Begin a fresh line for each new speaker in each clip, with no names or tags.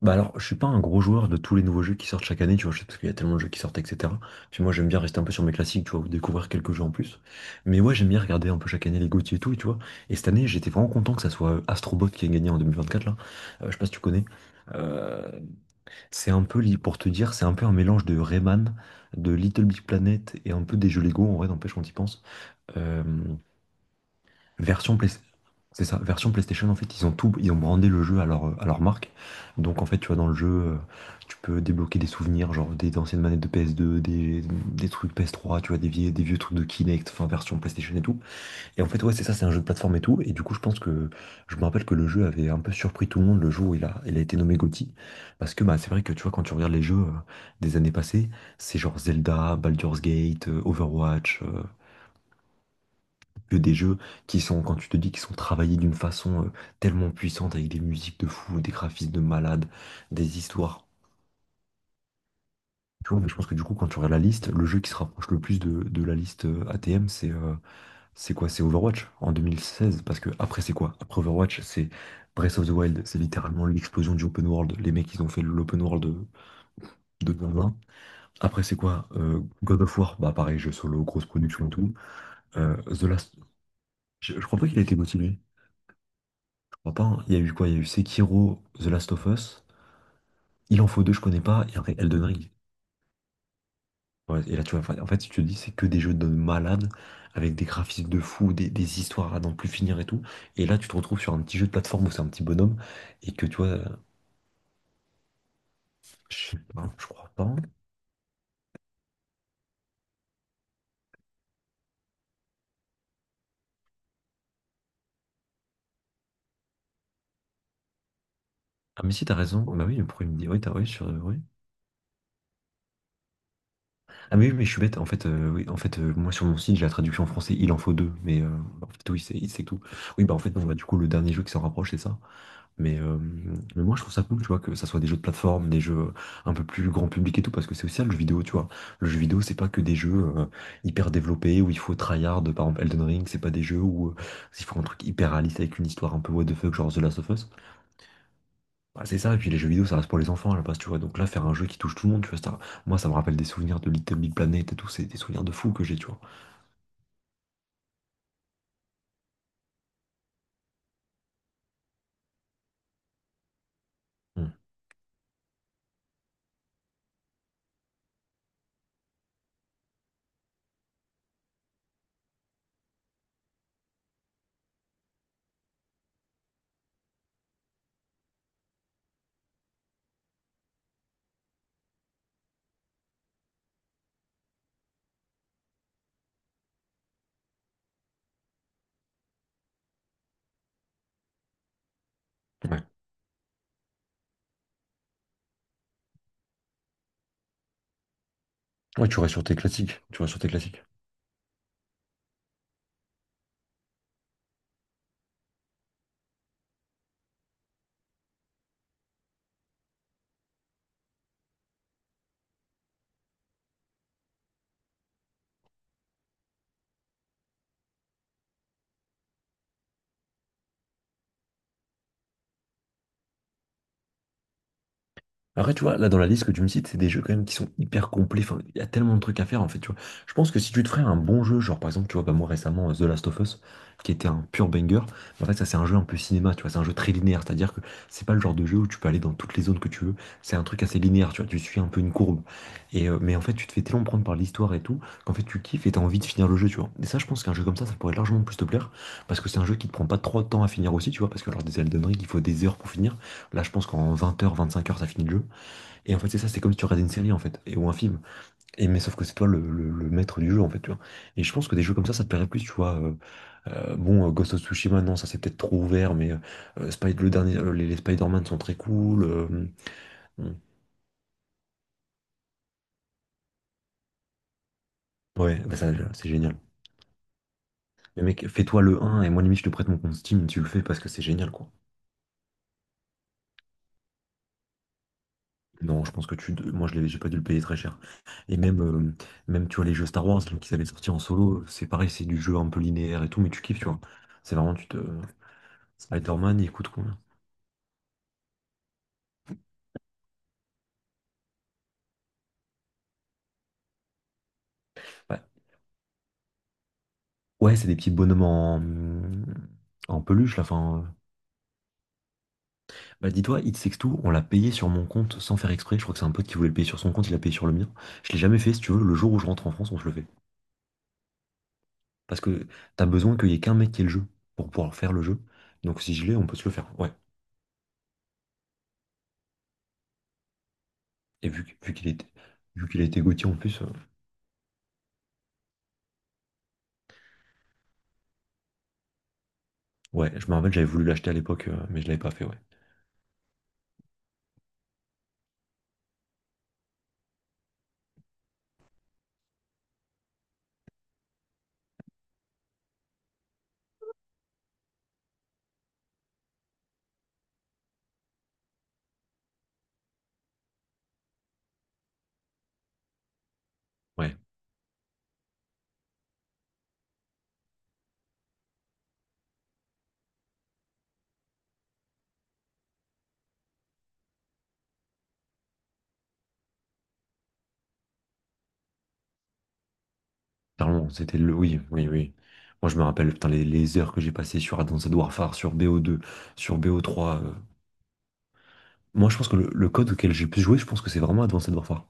Bah alors, je suis pas un gros joueur de tous les nouveaux jeux qui sortent chaque année, tu vois, je sais parce qu'il y a tellement de jeux qui sortent, etc. Puis moi, j'aime bien rester un peu sur mes classiques, tu vois, ou découvrir quelques jeux en plus. Mais ouais, j'aime bien regarder un peu chaque année les GOTY et tout, et tu vois. Et cette année, j'étais vraiment content que ça soit Astro Bot qui ait gagné en 2024, là. Je sais pas si tu connais. Euh, c'est un peu, li- Pour te dire, c'est un peu un mélange de Rayman, de Little Big Planet et un peu des jeux Lego, en vrai, n'empêche quand y pense. Euh, Version Play- C'est ça, version PlayStation. En fait, ils ont tout, ils ont brandé le jeu à leur marque. Donc, en fait, tu vois, dans le jeu, tu peux débloquer des souvenirs, genre des anciennes manettes de PS2, des trucs PS3, tu vois, des vieux trucs de Kinect, enfin, version PlayStation et tout. Et en fait, ouais, c'est ça, c'est un jeu de plateforme et tout. Et du coup, je me rappelle que le jeu avait un peu surpris tout le monde le jour où il a été nommé GOTY. Parce que, bah, c'est vrai que, tu vois, quand tu regardes les jeux des années passées, c'est genre Zelda, Baldur's Gate, Overwatch, que des jeux qui sont, quand tu te dis qui sont travaillés d'une façon tellement puissante avec des musiques de fou, des graphismes de malade, des histoires. Tu vois, mais je pense que du coup, quand tu regardes la liste, le jeu qui se rapproche le plus de la liste ATM, c'est quoi? C'est Overwatch en 2016. Parce que après, c'est quoi? Après Overwatch, c'est Breath of the Wild, c'est littéralement l'explosion du open world. Les mecs, ils ont fait l'open world de 2020. Après, c'est quoi? God of War, bah pareil, jeu solo, grosse production et tout. The Last. Je crois pas qu'il a été motivé. Crois pas, hein. Il y a eu quoi? Il y a eu Sekiro, The Last of Us. Il en faut deux, je connais pas. Et après, Elden Ring. Ouais, et là, tu vois, enfin, en fait, si tu te dis, c'est que des jeux de malades, avec des graphismes de fou, des histoires à n'en plus finir et tout. Et là, tu te retrouves sur un petit jeu de plateforme où c'est un petit bonhomme, et que tu vois, je sais pas, je crois pas. Ah, mais si, t'as raison. Bah oui, mais pourquoi il me dit, oui, t'as, oui, sur, oui. Ah, mais oui, mais je suis bête. En fait, oui, moi, sur mon site, j'ai la traduction en français, il en faut deux. Mais en fait, oui, tout. Oui, bah en fait, bon, bah, du coup, le dernier jeu qui s'en rapproche, c'est ça. Mais, euh, mais moi, je trouve ça cool, tu vois, que ça soit des jeux de plateforme, des jeux un peu plus grand public et tout, parce que c'est aussi ça, le jeu vidéo, tu vois. Le jeu vidéo, c'est pas que des jeux hyper développés où il faut tryhard, par exemple Elden Ring, c'est pas des jeux où il faut un truc hyper réaliste avec une histoire un peu what the fuck, genre The Last of Us. Bah, c'est ça, et puis les jeux vidéo, ça reste pour les enfants à la base, tu vois. Donc là, faire un jeu qui touche tout le monde, tu vois, ça, moi, ça me rappelle des souvenirs de Little Big Planet et tout, c'est des souvenirs de fou que j'ai, tu vois. Mm. Ouais. Ouais, tu restes sur tes classiques, tu restes sur tes classiques. Après, tu vois, là, dans la liste que tu me cites, c'est des jeux quand même qui sont hyper complets. Enfin, il y a tellement de trucs à faire, en fait, tu vois. Je pense que si tu te ferais un bon jeu, genre, par exemple, tu vois, bah, moi, récemment, The Last of Us, qui était un pur banger, mais en fait, ça, c'est un jeu un peu cinéma, tu vois, c'est un jeu très linéaire, c'est-à-dire que c'est pas le genre de jeu où tu peux aller dans toutes les zones que tu veux. C'est un truc assez linéaire, tu vois, tu suis un peu une courbe. Et, mais en fait, tu te fais tellement prendre par l'histoire et tout, qu'en fait, tu kiffes et t'as envie de finir le jeu, tu vois. Et ça, je pense qu'un jeu comme ça pourrait largement plus te plaire, parce que c'est un jeu qui te prend pas trop de temps à finir aussi, tu vois, parce que lors des Elden Ring, il faut des heures pour finir. Là, je pense qu'en 20 heures 25 heures ça finit le jeu. Et en fait, c'est ça, c'est comme si tu regardais une série, en fait, et, ou un film. Et, mais sauf que c'est toi le, le maître du jeu, en fait, tu vois. Et je pense que des jeux comme ça te plairait plus, tu vois. Bon, Ghost of Tsushima, non, ça c'est peut-être trop ouvert, mais le dernier, les Spider-Man sont très cool. Hum, ouais, bah ça, c'est génial. Mais mec, fais-toi le un et moi, limite, je te prête mon compte Steam, tu le fais parce que c'est génial, quoi. Non, je pense que tu. Moi, je l'ai, j'ai pas dû le payer très cher. Et même, même tu vois, les jeux Star Wars, là, qu'ils avaient sortis en solo, c'est pareil, c'est du jeu un peu linéaire et tout, mais tu kiffes, tu vois. C'est vraiment, Spider-Man, il coûte combien? Ouais, ouais, c'est des petits bonhommes en, en peluche, là. Enfin, bah, dis-toi, It Takes Two, on l'a payé sur mon compte sans faire exprès. Je crois que c'est un pote qui voulait le payer sur son compte, il l'a payé sur le mien. Je l'ai jamais fait, si tu veux. Le jour où je rentre en France, on se le fait. Parce que t'as besoin qu'il y ait qu'un mec qui ait le jeu pour pouvoir faire le jeu. Donc si je l'ai, on peut se le faire. Ouais. Et vu qu'il a été Gauthier en plus, ouais, je me rappelle, j'avais voulu l'acheter à l'époque, mais je l'avais pas fait, ouais. Ouais, clairement, c'était le. Oui, oui, oui. Moi, je me rappelle, putain, les heures que j'ai passées sur Advanced Warfare, sur BO2, sur BO3. Moi, je pense que le, code auquel j'ai le plus joué, je pense que c'est vraiment Advanced Warfare.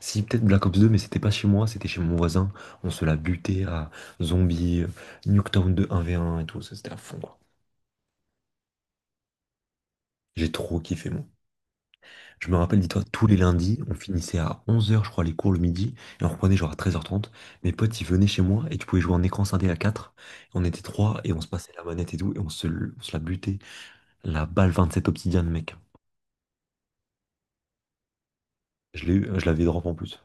Si, peut-être Black Ops 2, mais c'était pas chez moi, c'était chez mon voisin. On se l'a buté à Zombie, Nuketown 2 1 v un et tout. Ça, c'était à fond, quoi. J'ai trop kiffé, moi. Je me rappelle, dis-toi, tous les lundis, on finissait à 11 heures, je crois, les cours le midi, et on reprenait genre à 13h30. Mes potes, ils venaient chez moi, et tu pouvais jouer en écran scindé à 4. On était 3 et on se passait la manette et tout, et on se la butait. La balle sept obsidienne, mec. Je l'ai eu, je l'avais drop en plus.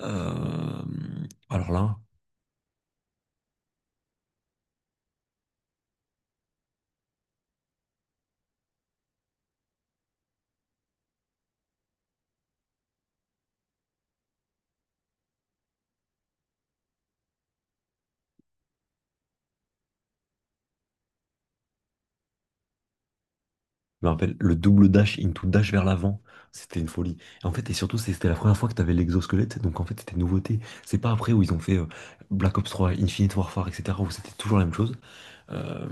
Euh, Alors là, je me rappelle, le double dash into dash vers l'avant, c'était une folie. Et en fait, et surtout, c'était la première fois que t'avais l'exosquelette, donc en fait, c'était une nouveauté. C'est pas après où ils ont fait Black Ops 3, Infinite Warfare, etc., où c'était toujours la même chose. Euh,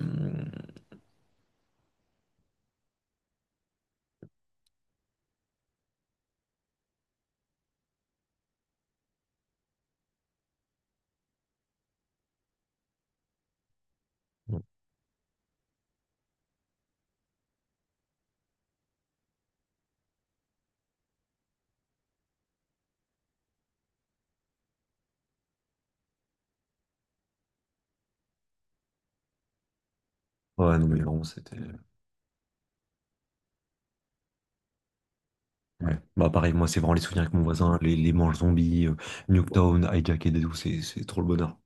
Ouais, non, mais vraiment, c'était. Ouais. Bah, pareil, moi, c'est vraiment les souvenirs avec mon voisin, les manches zombies, Nuketown, Hijacked et tout, c'est trop le bonheur.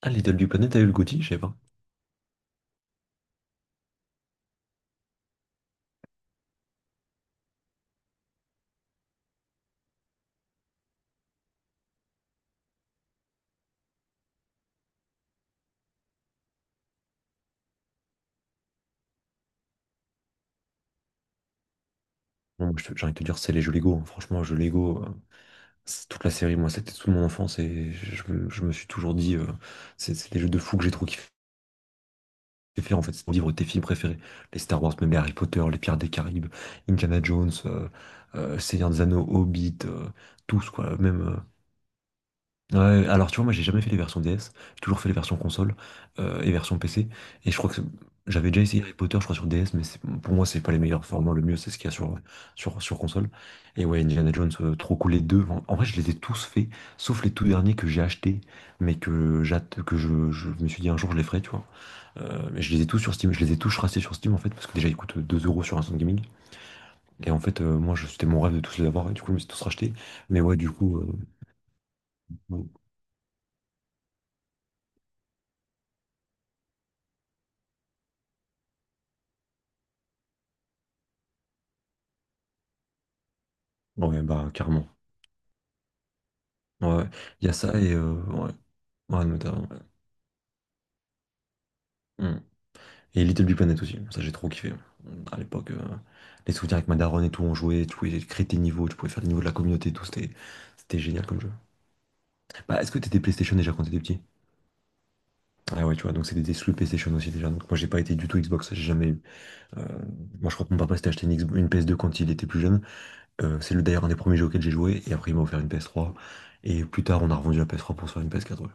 Ah, Little Big Planet, t'as eu le gothi? Je sais pas. Non, moi, j'ai envie de te dire, c'est les jeux Lego, hein. Franchement, les jeux Lego, c'est toute la série, moi, c'était toute mon enfance et je me suis toujours dit, c'est des jeux de fou que j'ai trop kiffé faire, en fait. C'est mon livre, de tes films préférés. Les Star Wars, même les Harry Potter, les Pirates des Caraïbes, Indiana Jones, Seigneur des Anneaux, Hobbit, tous, quoi. Même. Ouais, alors tu vois, moi j'ai jamais fait les versions DS, j'ai toujours fait les versions console et version PC. Et je crois que j'avais déjà essayé Harry Potter, je crois, sur DS, mais pour moi c'est pas les meilleurs formats, le mieux c'est ce qu'il y a sur, console. Et ouais, Indiana Jones, trop cool les deux. En, en vrai, je les ai tous faits, sauf les tout derniers que j'ai achetés, mais que je me suis dit un jour je les ferai, tu vois. Mais je les ai tous sur Steam, je les ai tous rachetés sur Steam en fait, parce que déjà ils coûtent 2 euros sur Instant Gaming. Et en fait, c'était mon rêve de tous les avoir, et du coup je me suis tous rachetés. Mais ouais, du coup, bon, ouais, bah carrément. Ouais, il y a ça et ouais, ouais, notamment, ouais. Hmm. Et Little Big Planet aussi, ça j'ai trop kiffé. À l'époque, les souvenirs avec ma daronne et tout, on jouait, tu pouvais créer tes niveaux, tu pouvais faire les niveaux de la communauté et tout, c'était génial comme jeu. Bah, est-ce que t'étais PlayStation déjà quand t'étais petit? Ah ouais, tu vois, donc c'était des exclus PlayStation aussi déjà. Donc moi j'ai pas été du tout Xbox, j'ai jamais eu. Euh, Moi je crois que mon papa s'était acheté une, une PS2 quand il était plus jeune. C'est le d'ailleurs un des premiers jeux auxquels j'ai joué et après il m'a offert une PS3. Et plus tard on a revendu la PS3 pour se faire une PS4, ouais.